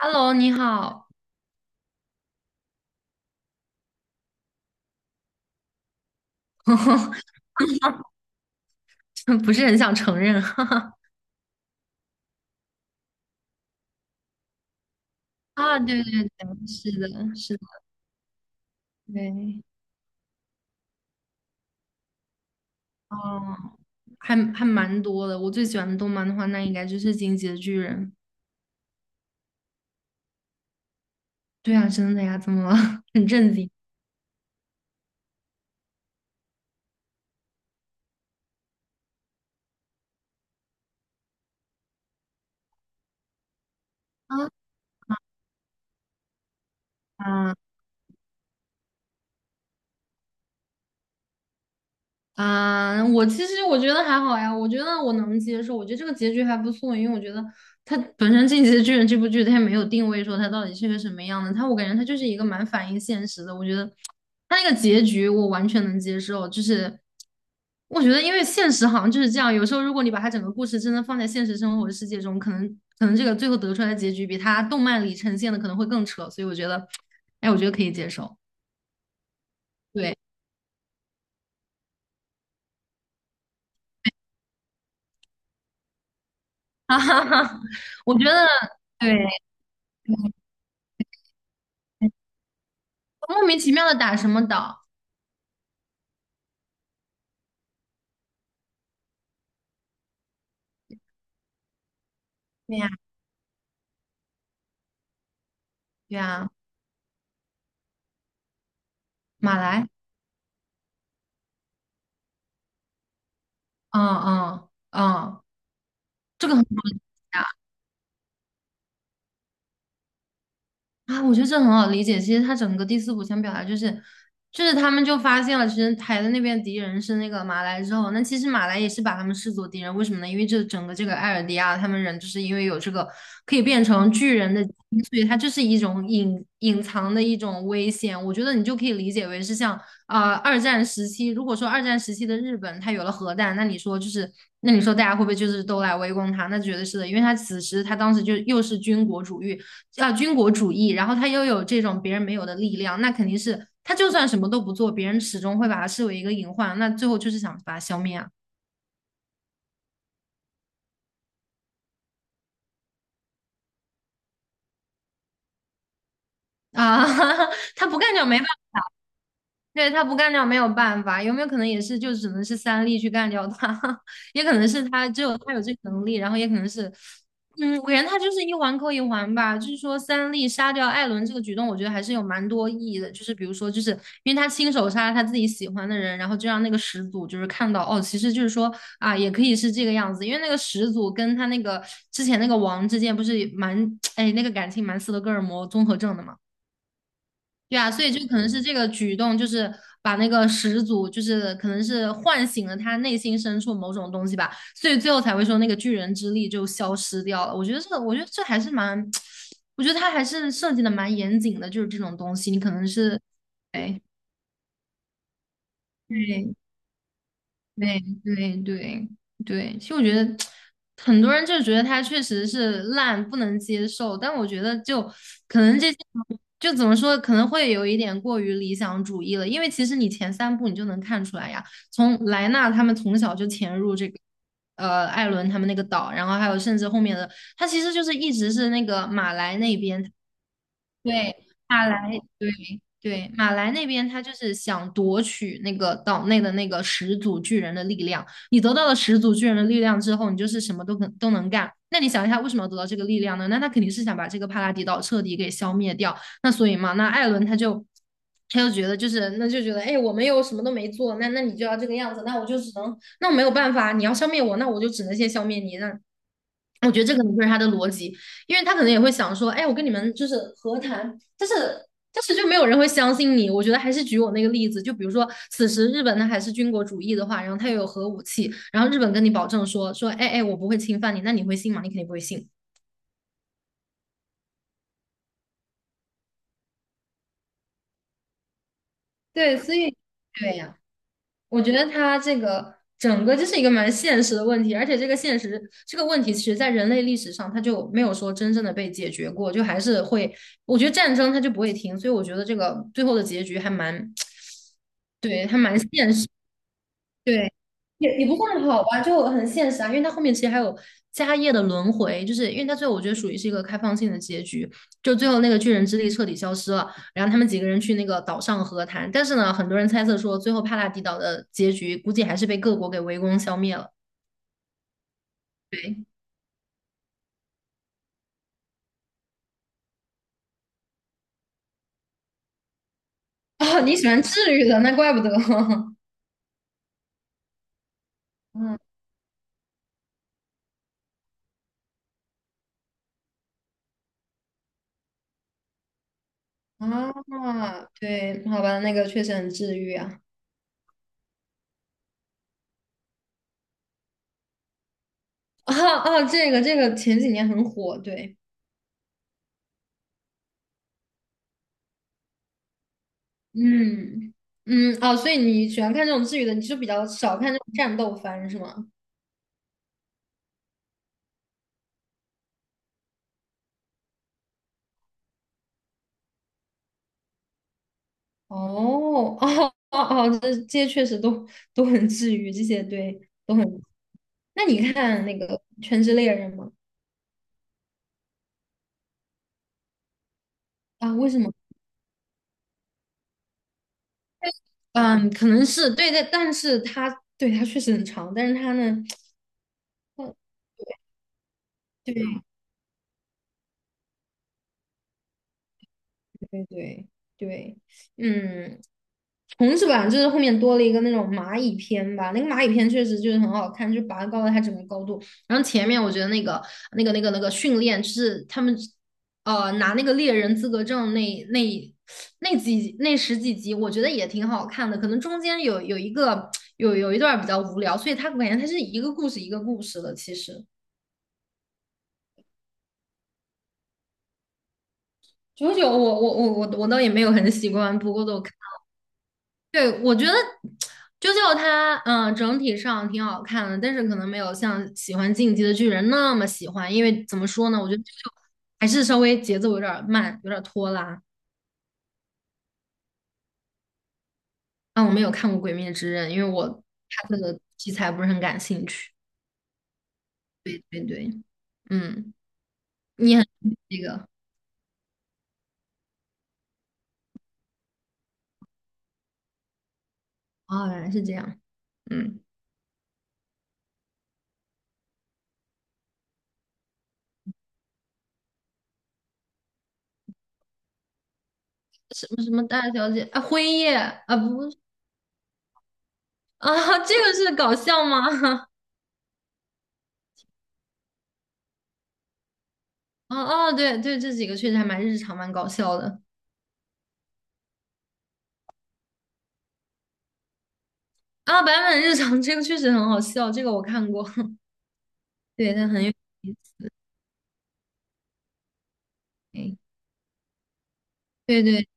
Hello，你好。不是很想承认，哈哈。啊，对对对,是的，是的。对。哦，还蛮多的。我最喜欢的动漫的话，那应该就是《进击的巨人》。对啊，真的呀，怎么了？很震惊啊！啊，我其实觉得还好呀，我觉得我能接受，我觉得这个结局还不错，因为我觉得它本身《进击的巨人》这部剧它也没有定位说它到底是个什么样的，它我感觉它就是一个蛮反映现实的，我觉得它那个结局我完全能接受，就是我觉得因为现实好像就是这样，有时候如果你把它整个故事真的放在现实生活的世界中，可能这个最后得出来的结局比它动漫里呈现的可能会更扯，所以我觉得，哎，我觉得可以接受。对，哈哈哈，我觉得对。莫名其妙的打什么岛？对呀，对呀，马来，嗯嗯嗯，这个很好。啊，我觉得这很好理解。其实他整个第四部想表达就是，就是他们就发现了，其实台的那边敌人是那个马来之后，那其实马来也是把他们视作敌人。为什么呢？因为这整个这个艾尔迪亚他们人，就是因为有这个可以变成巨人的基因所以它就是一种隐藏的一种危险。我觉得你就可以理解为是像二战时期，如果说二战时期的日本它有了核弹，那你说就是。那你说大家会不会就是都来围攻他？那绝对是的，因为他此时他当时就又是军国主义，啊军国主义，然后他又有这种别人没有的力量，那肯定是他就算什么都不做，别人始终会把他视为一个隐患，那最后就是想把他消灭啊。啊！他不干就没办对，他不干掉没有办法，有没有可能也是就只能是三力去干掉他？也可能是他只有他有这个能力，然后也可能是，嗯，我感觉他就是一环扣一环吧。就是说三力杀掉艾伦这个举动，我觉得还是有蛮多意义的。就是比如说，就是因为他亲手杀了他自己喜欢的人，然后就让那个始祖就是看到哦，其实就是说啊，也可以是这个样子。因为那个始祖跟他那个之前那个王之间不是蛮 哎那个感情蛮斯德哥尔摩综合症的嘛。对啊，所以就可能是这个举动，就是把那个始祖，就是可能是唤醒了他内心深处某种东西吧，所以最后才会说那个巨人之力就消失掉了。我觉得这个，我觉得这还是蛮，我觉得他还是设计的蛮严谨的，就是这种东西，你可能是，哎，对，对对对对，其实我觉得很多人就觉得它确实是烂，不能接受，但我觉得就可能这些就怎么说，可能会有一点过于理想主义了，因为其实你前三部你就能看出来呀，从莱纳他们从小就潜入这个艾伦他们那个岛，然后还有甚至后面的他其实就是一直是那个马来那边。对，马来，对对，马来那边他就是想夺取那个岛内的那个始祖巨人的力量。你得到了始祖巨人的力量之后，你就是什么都能干。那你想一下，为什么要得到这个力量呢？那他肯定是想把这个帕拉迪岛彻底给消灭掉。那所以嘛，那艾伦他就他就觉得就是那就觉得，哎，我们又什么都没做，那那你就要这个样子，那我就只能那我没有办法，你要消灭我，那我就只能先消灭你，那我觉得这可能就是他的逻辑，因为他可能也会想说，哎，我跟你们就是和谈，但是但是就没有人会相信你。我觉得还是举我那个例子，就比如说，此时日本它还是军国主义的话，然后它又有核武器，然后日本跟你保证说，哎哎，我不会侵犯你，那你会信吗？你肯定不会信。对，所以。对呀。我觉得它这个整个就是一个蛮现实的问题，而且这个现实这个问题，其实在人类历史上它就没有说真正的被解决过，就还是会，我觉得战争它就不会停，所以我觉得这个最后的结局还蛮，对，还蛮现实。对，也也不算好吧，就很现实啊，因为它后面其实还有家业的轮回，就是因为它最后我觉得属于是一个开放性的结局，就最后那个巨人之力彻底消失了，然后他们几个人去那个岛上和谈，但是呢，很多人猜测说最后帕拉迪岛的结局估计还是被各国给围攻消灭了。对，哦，你喜欢治愈的，那怪不得。嗯啊，对，好吧，那个确实很治愈啊。啊啊，这个这个前几年很火，对。嗯嗯哦，所以你喜欢看这种治愈的，你就比较少看这种战斗番是吗？哦哦哦哦，这这些确实都都很治愈，这些对都很。那你看那个《全职猎人》吗？啊，为什么？嗯，可能是对的，但是他对他确实很长，但是他呢，对对对对对，嗯，虫子吧，就是后面多了一个那种蚂蚁篇吧，那个蚂蚁篇确实就是很好看，就拔高了它整个高度。然后前面我觉得那个那个训练，就是他们拿那个猎人资格证那十几集，我觉得也挺好看的。可能中间有一个有一段比较无聊，所以它感觉它是一个故事一个故事的。其实九九我倒也没有很喜欢，不过都看。对，我觉得啾啾它，整体上挺好看的，但是可能没有像喜欢《进击的巨人》那么喜欢，因为怎么说呢，我觉得啾啾还是稍微节奏有点儿慢，有点儿拖拉。啊，我没有看过《鬼灭之刃》，因为我它这个题材不是很感兴趣。对对对，嗯，你很这个哦，原来是这样，嗯，什么什么大小姐啊，辉夜啊，不啊，这个是搞笑吗？哦哦，对对，这几个确实还蛮日常，蛮搞笑的。啊，版本日常这个确实很好笑，这个我看过，对，它很有意思。哎，对对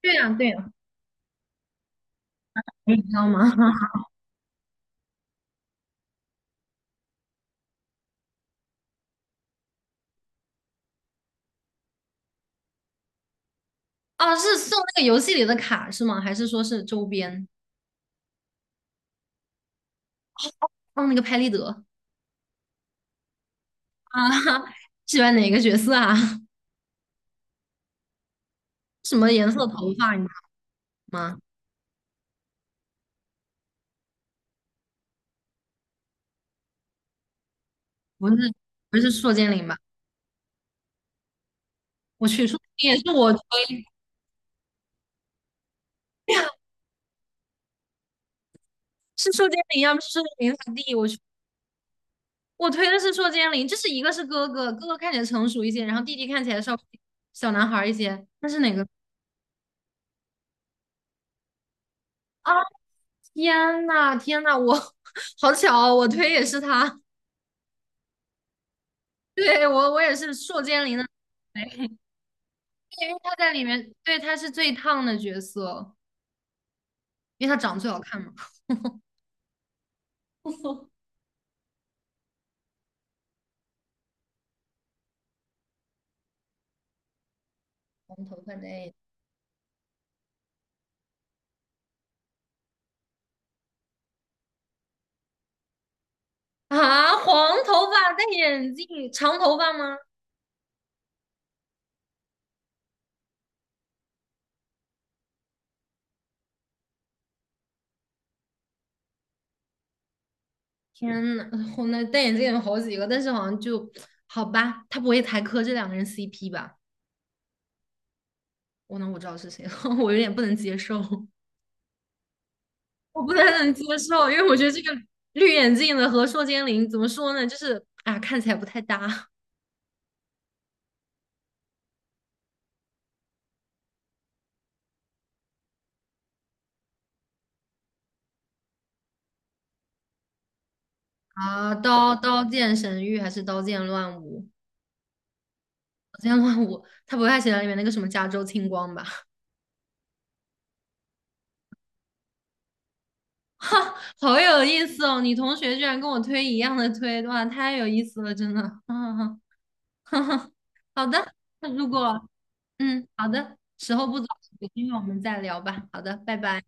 对啊，对呀，你知道吗？啊，是送那个游戏里的卡是吗？还是说是周边？哦，那个拍立得啊，喜欢哪个角色啊？什么颜色头发？你知道吗？不是不是硕剑灵吧？我去，硕剑灵也是我推，是硕剑灵要不是硕剑灵他弟，我去，我推的是硕剑灵，就是一个是哥哥，哥哥看起来成熟一些，然后弟弟看起来稍微小男孩儿一些，那是哪个？啊？天呐，天呐，我 好巧哦，我推也是他。对，我我也是硕尖林的推。对，因为他在里面，对，他是最烫的角色，因为他长得最好看嘛。黄头发戴眼啊，黄头发戴眼镜，长头发吗？天呐，我那戴眼镜有好几个，但是好像就好吧，他不会才磕这两个人 CP 吧？我那我知道是谁了，我有点不能接受。我不太能接受，因为我觉得这个绿眼镜的和硕尖翎怎么说呢，就是啊，看起来不太搭 啊。刀剑神域还是刀剑乱舞？刀剑乱舞，他不太喜欢里面那个什么加州青光吧？哈，好有意思哦！你同学居然跟我推一样的推，哇，太有意思了，真的。啊，哈哈，好的，那如果嗯，好的，时候不早了，有机会我们再聊吧。好的，拜拜。